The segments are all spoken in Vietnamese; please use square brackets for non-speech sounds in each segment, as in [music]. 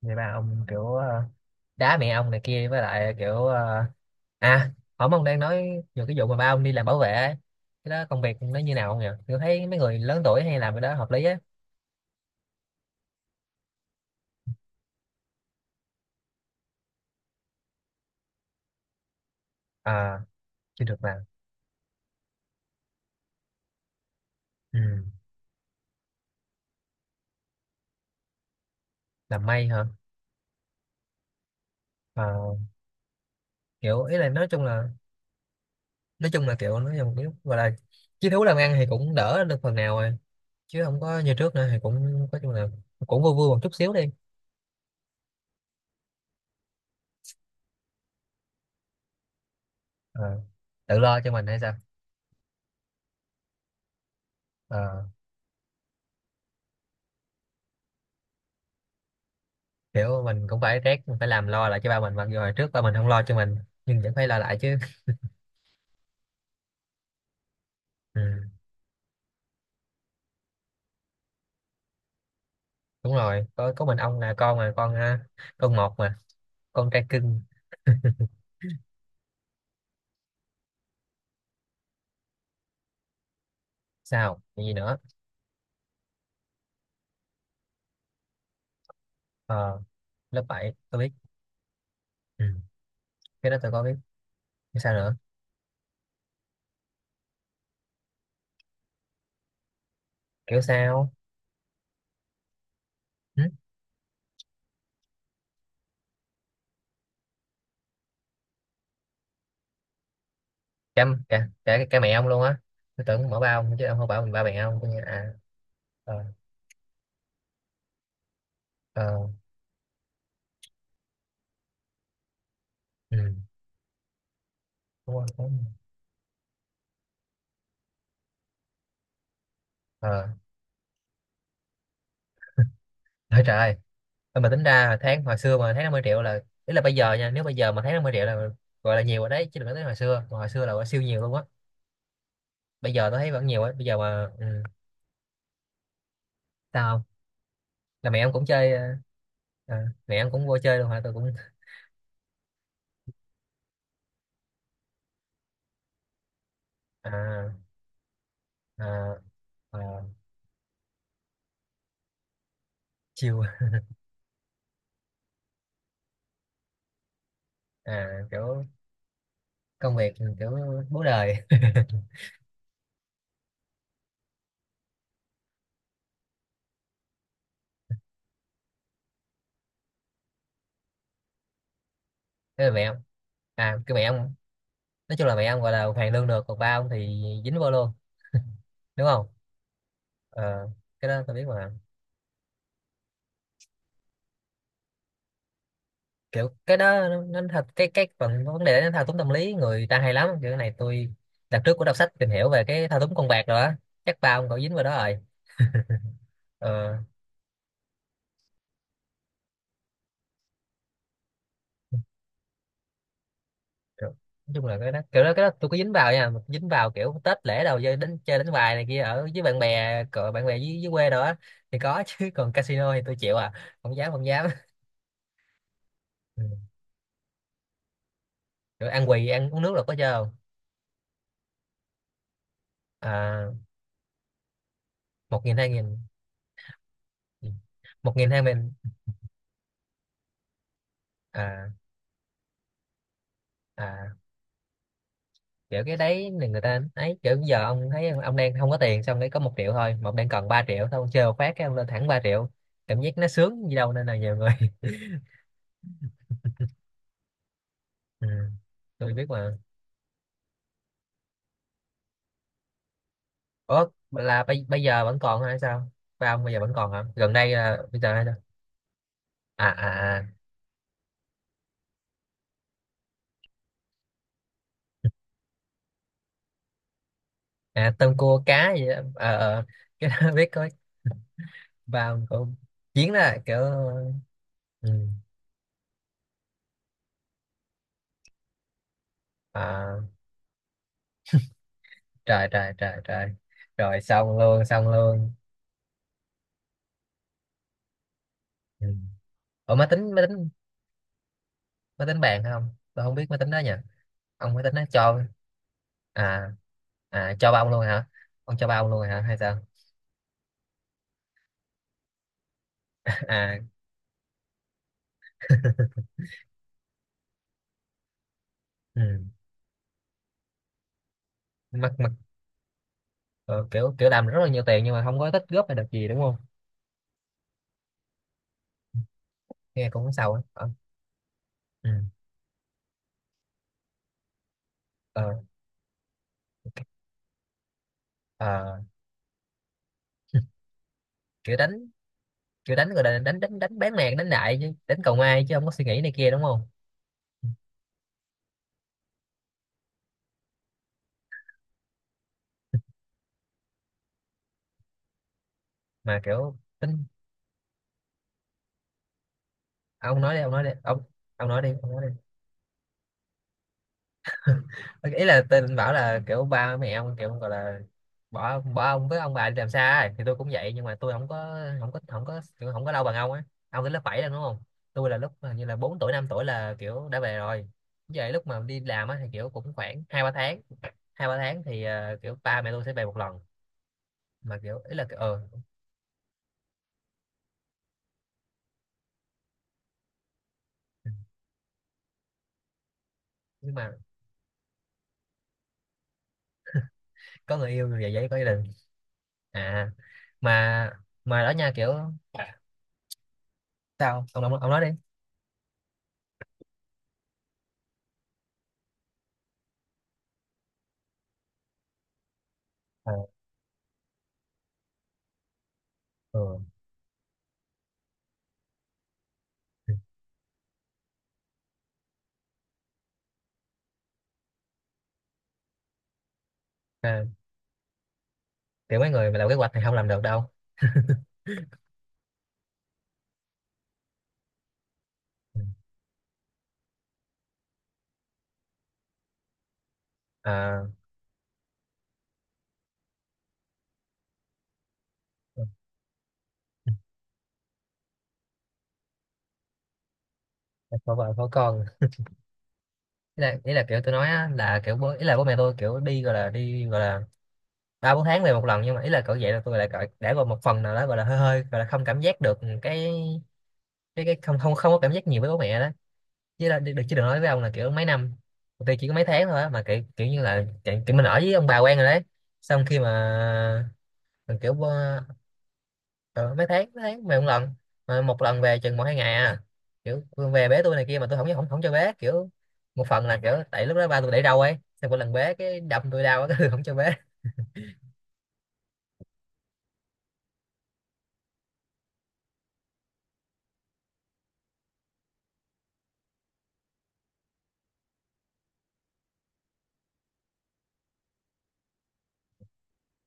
Người ba ông kiểu đá mẹ ông này kia với lại kiểu à, hổm ông đang nói về cái vụ mà ba ông đi làm bảo vệ ấy. Cái đó công việc nó như nào không nhỉ? Tôi thấy mấy người lớn tuổi hay làm cái đó hợp lý á. À, chưa được làm. Ừ. Làm may hả? Ờ, kiểu ý là nói chung là kiểu nói chung kiểu gọi là chí thú làm ăn thì cũng đỡ được phần nào rồi, chứ không có như trước nữa thì cũng nói chung là cũng vui vui một chút xíu đi. Ờ, tự lo cho mình hay sao? Ờ, kiểu mình cũng phải rét, mình phải làm lo lại cho ba mình, mặc dù hồi trước ba mình không lo cho mình nhưng vẫn phải lo lại chứ. Ừ, đúng rồi, có mình ông là con mà, con ha, con một mà, con trai cưng. Sao? Còn gì nữa? Ờ, lớp 7 tôi biết. Ừ, cái đó tôi có biết. Cái sao nữa? Kiểu sao? Ừ? cả, cả, cả cả mẹ ông luôn á. Tôi tưởng mở ba ông chứ, ông không bảo mình ba mẹ ông tôi nghe à. Ờ. Ờ. Ừ, đúng rồi, đúng rồi. Ờ. [laughs] Ôi trời ơi, thôi mà tính ra tháng, hồi xưa mà tháng 50 triệu là, ý là bây giờ nha, nếu bây giờ mà tháng 50 triệu là gọi là nhiều rồi đấy, chứ đừng nói tới hồi xưa. Còn hồi xưa là gọi siêu nhiều luôn á. Bây giờ tôi thấy vẫn nhiều ấy, bây giờ mà. Ừ. Sao không? Là mẹ em cũng chơi à, mẹ em cũng vô chơi luôn hả? Tôi cũng à, à, à, chiều. À, kiểu công việc. Ừ, kiểu bố đời [laughs] thế là mẹ em, à cái mẹ em, nói chung là mẹ em gọi là hoàn lương được, còn ba ông thì dính vô luôn, đúng không? Ờ, cái đó tôi biết mà. Kiểu cái đó nó thật, cái phần vấn đề nó thao túng tâm lý người ta hay lắm, kiểu cái này tôi đợt trước cũng đọc sách tìm hiểu về cái thao túng con bạc rồi á. Chắc ba ông cậu dính vào đó rồi. Ờ. Kiểu, nói chung là cái đó, kiểu đó cái đó tôi có dính vào nha, mà dính vào kiểu Tết lễ đầu chơi, đến chơi đánh bài này kia ở với bạn bè, cỡ bạn bè dưới quê đó á, thì có [laughs] chứ còn casino thì tôi chịu à, không dám, không dám. Ừ. Kiểu ăn quỳ ăn uống nước là có chơi không? À, 1 nghìn 2 nghìn. Một nghìn hai nghìn. À. À, kiểu cái đấy là người ta ấy, kiểu bây giờ ông thấy ông đang không có tiền xong đấy, có 1 triệu thôi mà ông đang cần 3 triệu, thôi ông chơi một phát cái ông lên thẳng 3 triệu, cảm giác nó sướng gì đâu nên là nhiều người [laughs] ừ. Tôi biết mà. Ủa là bây giờ vẫn còn hay sao? Ba ông bây giờ vẫn còn hả, gần đây là bây giờ hay sao? À, à, à, à tôm cua cá gì đó. Ờ, ờ. [laughs] Cái đó biết có. Ba ông cũng chiến đó, kiểu. Ừ. À, trời trời trời trời. Rồi, xong luôn, xong luôn. Ừ. Ủa, máy tính máy tính bàn hay không tôi không biết, máy tính đó nha. Ông máy tính đó cho. À, à, cho ba ông luôn hả? Ông cho ba ông luôn hả, hay sao? [laughs] À. Ừ. mặc mặc ờ, kiểu kiểu làm rất là nhiều tiền nhưng mà không có tích góp hay được gì đúng không? Nghe cũng sầu á. Ờ, ừ. Ờ, ờ, kiểu đánh kiểu đánh rồi đánh đánh đánh đánh bán mạng, đánh đại chứ đánh cầu may, chứ không có suy nghĩ này kia, đúng không? Mà kiểu tính. Ông nói đi, ông nói đi ông. Ông nói đi, ông nói đi. Ý là tên anh bảo là kiểu ba mẹ ông kiểu gọi là bỏ bỏ ông với ông bà đi làm xa ấy. Thì tôi cũng vậy nhưng mà tôi không có kiểu không có lâu bằng ông á. Ông tới lớp 7 rồi đúng không? Tôi là lúc hình như là 4 tuổi 5 tuổi là kiểu đã về rồi. Vậy lúc mà đi làm á thì kiểu cũng khoảng 2, 3 tháng. Hai ba tháng thì kiểu ba mẹ tôi sẽ về một lần. Mà kiểu ý là kiểu nhưng mà có người yêu rồi vậy vậy có gia đình. À, mà mà đó nha, kiểu. Sao ông, ông nói đi. Ờ, ừ. À, kiểu mấy người mà làm kế hoạch thì không làm được đâu. Ừ. À, có vợ có con ý là, kiểu tôi nói á, là kiểu bố, ý là bố mẹ tôi kiểu đi gọi là, 3, 4 tháng về một lần. Nhưng mà ý là cỡ vậy là tôi lại cỡ đã gọi một phần nào đó gọi là hơi hơi, gọi là không cảm giác được cái, cái không không không có cảm giác nhiều với bố mẹ đó. Chứ là được, chứ đừng nói với ông là kiểu mấy năm. Tụi tôi chỉ có mấy tháng thôi á, mà kiểu kiểu như là kiểu mình ở với ông bà quen rồi đấy. Xong khi mà kiểu ờ, mấy tháng về một lần. Mà một lần về chừng 1, 2 ngày à. Kiểu Phương về bế tôi này kia mà tôi không không không cho bế kiểu. Một phần là kiểu tại lúc đó ba tôi để râu ấy, xong mỗi lần bế cái đâm tôi đau cái [laughs] không cho bế.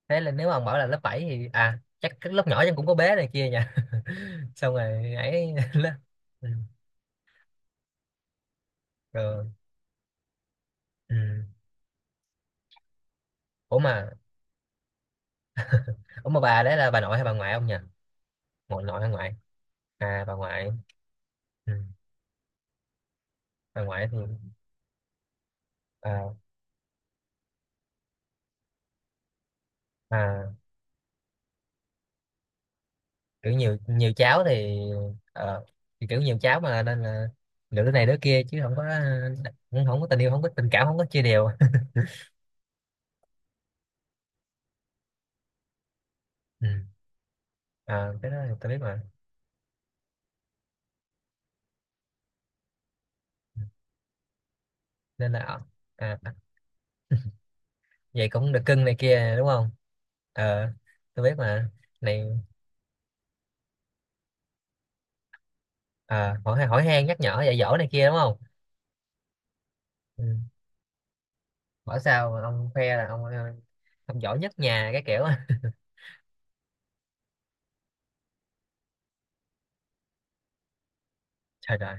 Thế là nếu mà ông bảo là lớp 7 thì à, chắc cái lúc nhỏ em cũng có bé này kia nha [laughs] xong rồi ấy [laughs] lớp. Ừ. Rồi. Ừ. ủa mà ủa mà bà đấy là bà nội hay bà ngoại ông nhỉ? Nội, nội hay ngoại? À, bà ngoại. Ừ. Bà ngoại thì à, à, kiểu nhiều, nhiều cháu thì. Ờ, thì kiểu nhiều cháu mà nên là lựa đứa này đứa kia chứ không có, cũng không có tình yêu, không có tình cảm, không có chia đều. [laughs] Ừ. Ờ, cái đó thì tôi biết mà. Nên là à, vậy cũng được cưng này kia đúng không? Ờ, tôi biết mà. Này, ờ, hỏi hỏi han nhắc nhở dạy dỗ này kia đúng không? Ừ. Bảo sao mà ông khoe là ông, ông giỏi nhất nhà cái kiểu [laughs] trời trời.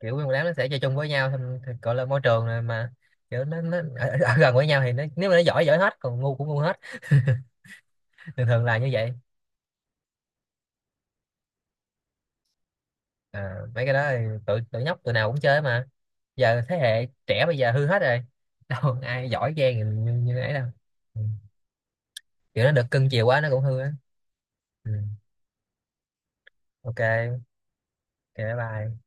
Kiểu nguyên một đám nó sẽ chơi chung với nhau xong thì gọi là môi trường này mà. Kiểu nó ở gần với nhau thì nó, nếu mà nó giỏi giỏi hết, còn ngu cũng ngu hết. Thường thường là như vậy. À, mấy cái đó thì tụi tụi nhóc tụi nào cũng chơi mà. Giờ thế hệ trẻ bây giờ hư hết rồi [laughs] đâu ai giỏi giang như ấy đâu. Ừ. Kiểu nó được cưng chiều quá nó cũng hư á. Ừ. OK, OK, bye bye.